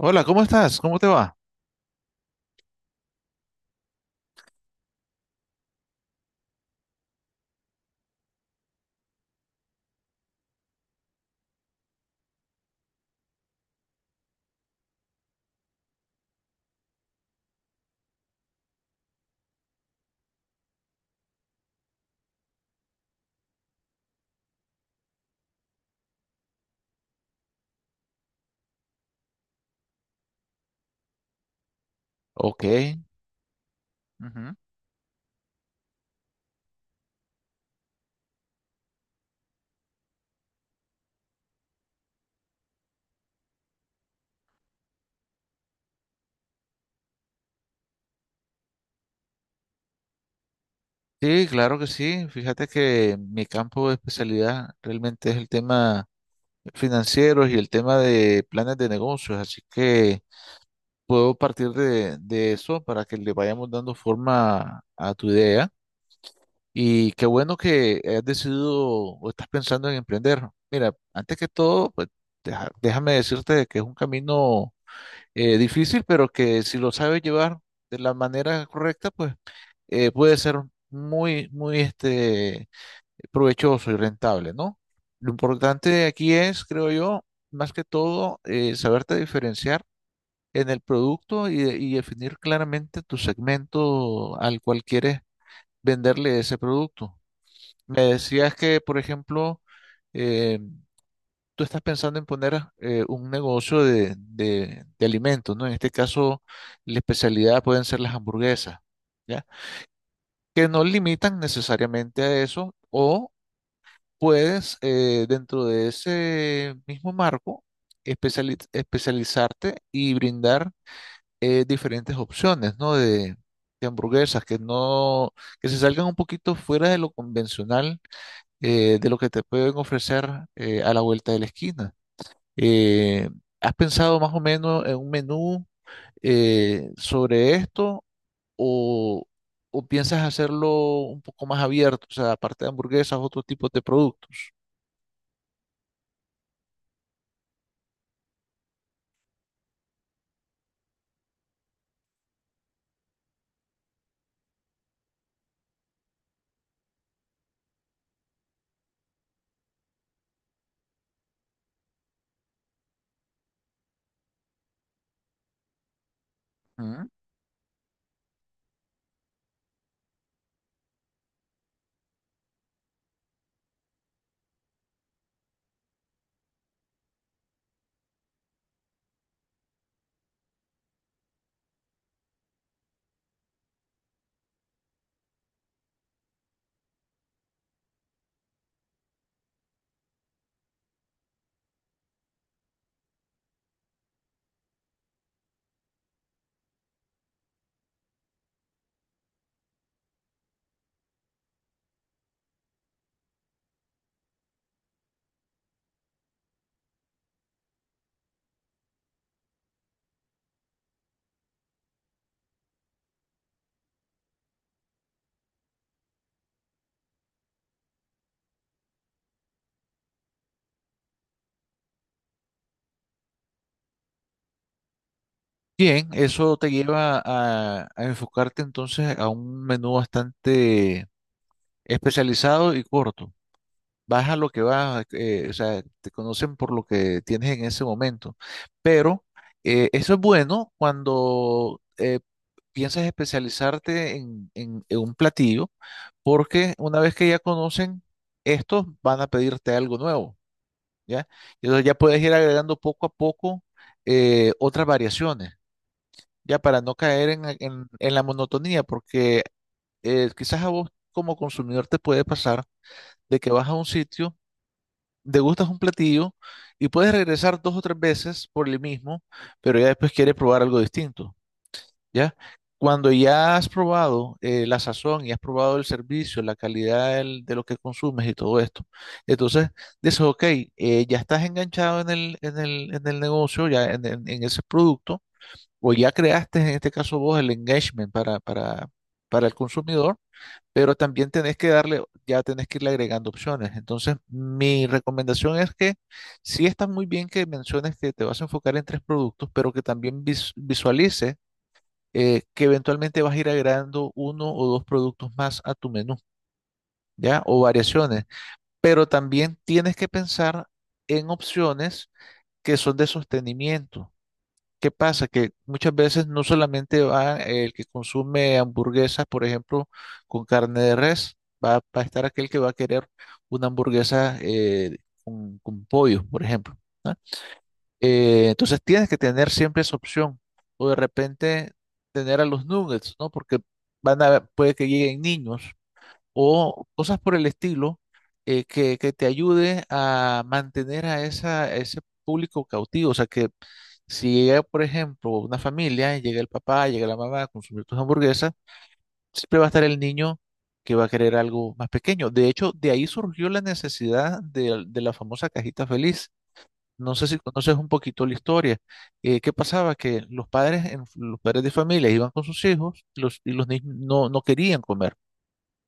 Hola, ¿cómo estás? ¿Cómo te va? Ok. Ujú. Sí, claro que sí. Fíjate que mi campo de especialidad realmente es el tema financiero y el tema de planes de negocios, así que puedo partir de eso para que le vayamos dando forma a tu idea. Y qué bueno que has decidido o estás pensando en emprender. Mira, antes que todo, pues déjame decirte que es un camino difícil, pero que si lo sabes llevar de la manera correcta, pues puede ser muy, muy provechoso y rentable, ¿no? Lo importante aquí es, creo yo, más que todo, saberte diferenciar en el producto y, y definir claramente tu segmento al cual quieres venderle ese producto. Me decías que, por ejemplo, em, tú estás pensando en poner un negocio de, de alimentos, ¿no? En este caso, la especialidad pueden ser las hamburguesas, ¿ya? Que no limitan necesariamente a eso, o puedes, dentro de ese mismo marco, especializarte y brindar diferentes opciones, ¿no? De hamburguesas que no, que se salgan un poquito fuera de lo convencional, de lo que te pueden ofrecer a la vuelta de la esquina. Eh, ¿Has pensado más o menos en un menú sobre esto o, o piensas hacerlo un poco más abierto, o sea, aparte de hamburguesas, otro tipo de productos? Ujú. Bien, eso te lleva a enfocarte entonces a un menú bastante especializado y corto. Vas a lo que vas, o sea, te conocen por lo que tienes en ese momento. Pero eso es bueno cuando piensas especializarte en, en un platillo, porque una vez que ya conocen estos, van a pedirte algo nuevo, ¿ya? Y entonces ya puedes ir agregando poco a poco otras variaciones, ya para no caer en, en la monotonía, porque quizás a vos como consumidor te puede pasar de que vas a un sitio, degustas un platillo y puedes regresar dos o tres veces por el mismo, pero ya después quieres probar algo distinto. ¿Ya? Cuando ya has probado la sazón y has probado el servicio, la calidad de lo que consumes y todo esto, entonces dices, ok, ya estás enganchado en el, en el, en el negocio, ya en, en ese producto, o ya creaste en este caso vos el engagement para el consumidor, pero también tenés que darle, ya tenés que irle agregando opciones. Entonces, mi recomendación es que sí está muy bien que menciones que te vas a enfocar en tres productos, pero que también visualices que eventualmente vas a ir agregando uno o dos productos más a tu menú, ¿ya? O variaciones. Pero también tienes que pensar en opciones que son de sostenimiento. ¿Qué pasa? Que muchas veces no solamente va el que consume hamburguesas, por ejemplo, con carne de res, va, va a estar aquel que va a querer una hamburguesa con pollo, por ejemplo. ¿No? Entonces tienes que tener siempre esa opción. O de repente tener a los nuggets, ¿no? Porque van a, puede que lleguen niños o cosas por el estilo que te ayude a mantener a, esa, a ese público cautivo. O sea que si llega, por ejemplo, una familia, llega el papá, llega la mamá a consumir tus hamburguesas, siempre va a estar el niño que va a querer algo más pequeño. De hecho, de ahí surgió la necesidad de la famosa cajita feliz. No sé si conoces un poquito la historia. ¿Qué pasaba? Que los padres, los padres de familia iban con sus hijos y los niños no, no querían comer,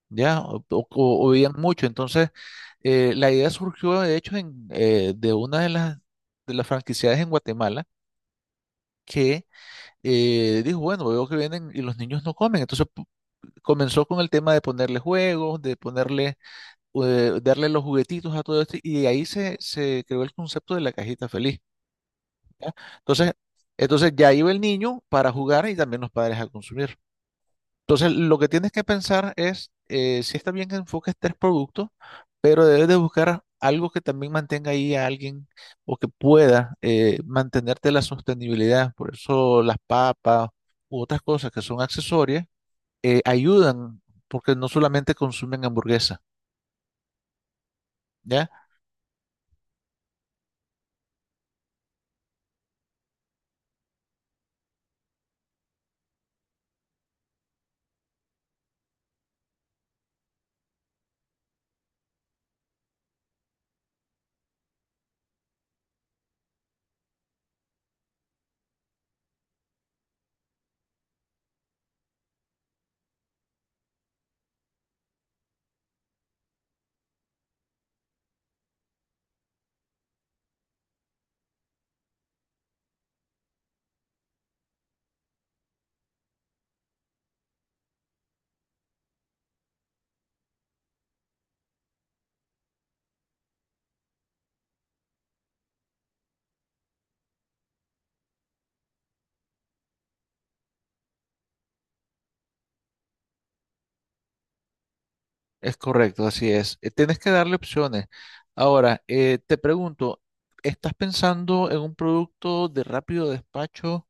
¿ya? O, o veían mucho. Entonces, la idea surgió, de hecho, en, de una de las franquiciadas en Guatemala que dijo, bueno, veo que vienen y los niños no comen. Entonces, comenzó con el tema de ponerle juegos, de ponerle, darle los juguetitos a todo esto y de ahí se, se creó el concepto de la cajita feliz. ¿Ya? Entonces, entonces ya iba el niño para jugar y también los padres a consumir. Entonces, lo que tienes que pensar es, si está bien que enfoques tres productos, pero debes de buscar algo que también mantenga ahí a alguien o que pueda mantenerte la sostenibilidad. Por eso las papas u otras cosas que son accesorias ayudan porque no solamente consumen hamburguesa, ¿ya? Es correcto, así es. Tienes que darle opciones. Ahora, te pregunto, ¿estás pensando en un producto de rápido despacho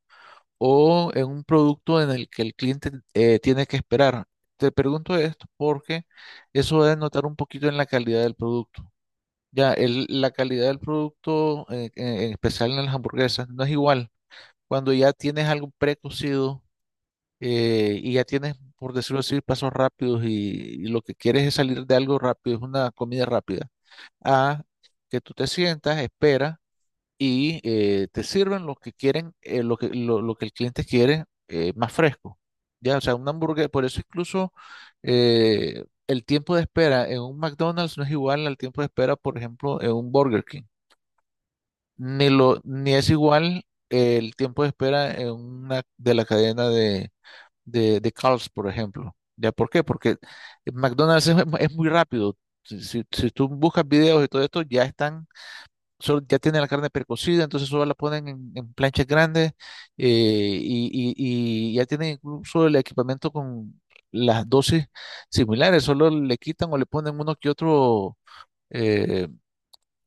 o en un producto en el que el cliente tiene que esperar? Te pregunto esto porque eso debe notar un poquito en la calidad del producto. Ya, la calidad del producto, en especial en las hamburguesas, no es igual. Cuando ya tienes algo precocido y ya tienes, por decirlo así, pasos rápidos y lo que quieres es salir de algo rápido, es una comida rápida, a que tú te sientas, esperas y te sirven lo que quieren, lo que el cliente quiere más fresco. Ya, o sea, una hamburguesa, por eso incluso el tiempo de espera en un McDonald's no es igual al tiempo de espera, por ejemplo, en un Burger King. Ni lo, ni es igual el tiempo de espera en una de la cadena de Carl's, por ejemplo. ¿Ya por qué? Porque McDonald's es muy rápido. Si, si tú buscas videos y todo esto, ya están, ya tienen la carne precocida, entonces solo la ponen en planchas grandes y, y ya tienen incluso el equipamiento con las dosis similares, solo le quitan o le ponen uno que otro eh,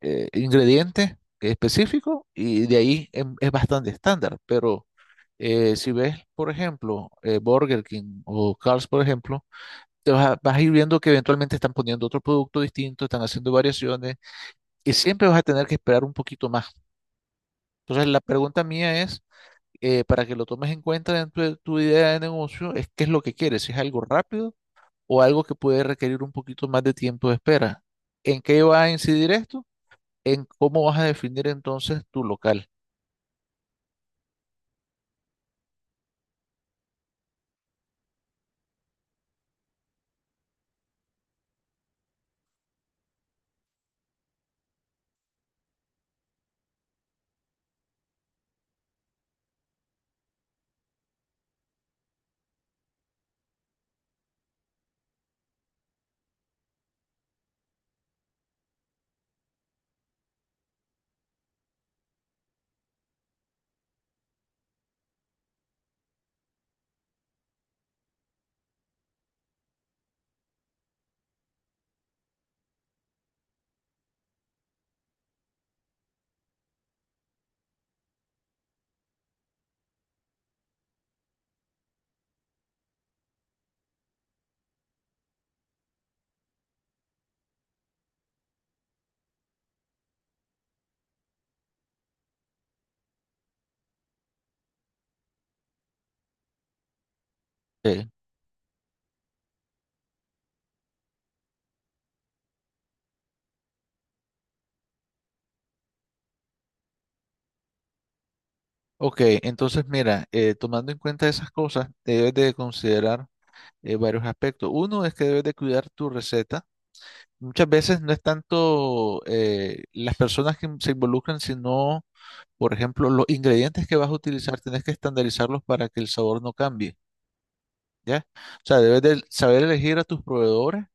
ingrediente específico y de ahí es bastante estándar, pero... si ves, por ejemplo, Burger King o Carl's, por ejemplo, te vas a, vas a ir viendo que eventualmente están poniendo otro producto distinto, están haciendo variaciones y siempre vas a tener que esperar un poquito más. Entonces, la pregunta mía es, para que lo tomes en cuenta dentro de tu idea de negocio, es qué es lo que quieres, si es algo rápido o algo que puede requerir un poquito más de tiempo de espera. ¿En qué va a incidir esto? En cómo vas a definir entonces tu local. Eh, ok, entonces mira, tomando en cuenta esas cosas, debes de considerar varios aspectos. Uno es que debes de cuidar tu receta. Muchas veces no es tanto las personas que se involucran, sino, por ejemplo, los ingredientes que vas a utilizar, tienes que estandarizarlos para que el sabor no cambie, ¿ya? O sea, debes de saber elegir a tus proveedores,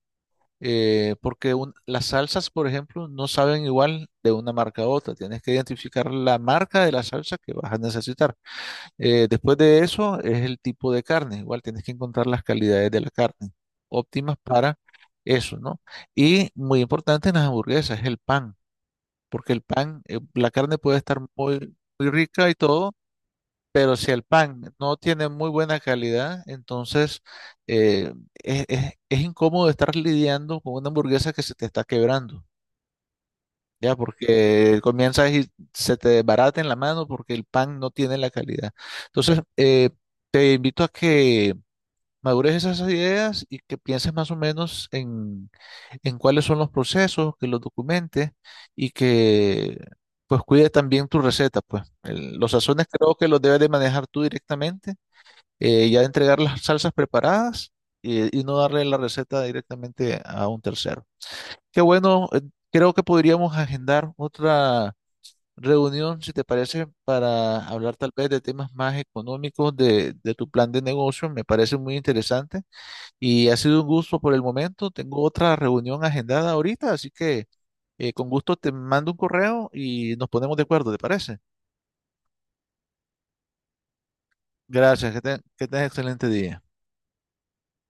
porque las salsas, por ejemplo, no saben igual de una marca a otra. Tienes que identificar la marca de la salsa que vas a necesitar. Después de eso es el tipo de carne. Igual tienes que encontrar las calidades de la carne óptimas para eso, ¿no? Y muy importante en las hamburguesas es el pan, porque el pan, la carne puede estar muy, muy rica y todo, pero si el pan no tiene muy buena calidad, entonces es, es incómodo estar lidiando con una hamburguesa que se te está quebrando. Ya, porque comienzas y se te desbarata en la mano porque el pan no tiene la calidad. Entonces, te invito a que madures esas ideas y que pienses más o menos en cuáles son los procesos, que los documentes y que pues cuide también tu receta, pues. Los sazones creo que los debes de manejar tú directamente, ya entregar las salsas preparadas y no darle la receta directamente a un tercero. Qué bueno, creo que podríamos agendar otra reunión, si te parece, para hablar tal vez de temas más económicos de tu plan de negocio. Me parece muy interesante y ha sido un gusto por el momento. Tengo otra reunión agendada ahorita, así que con gusto te mando un correo y nos ponemos de acuerdo, ¿te parece? Gracias, que, que tengas excelente día.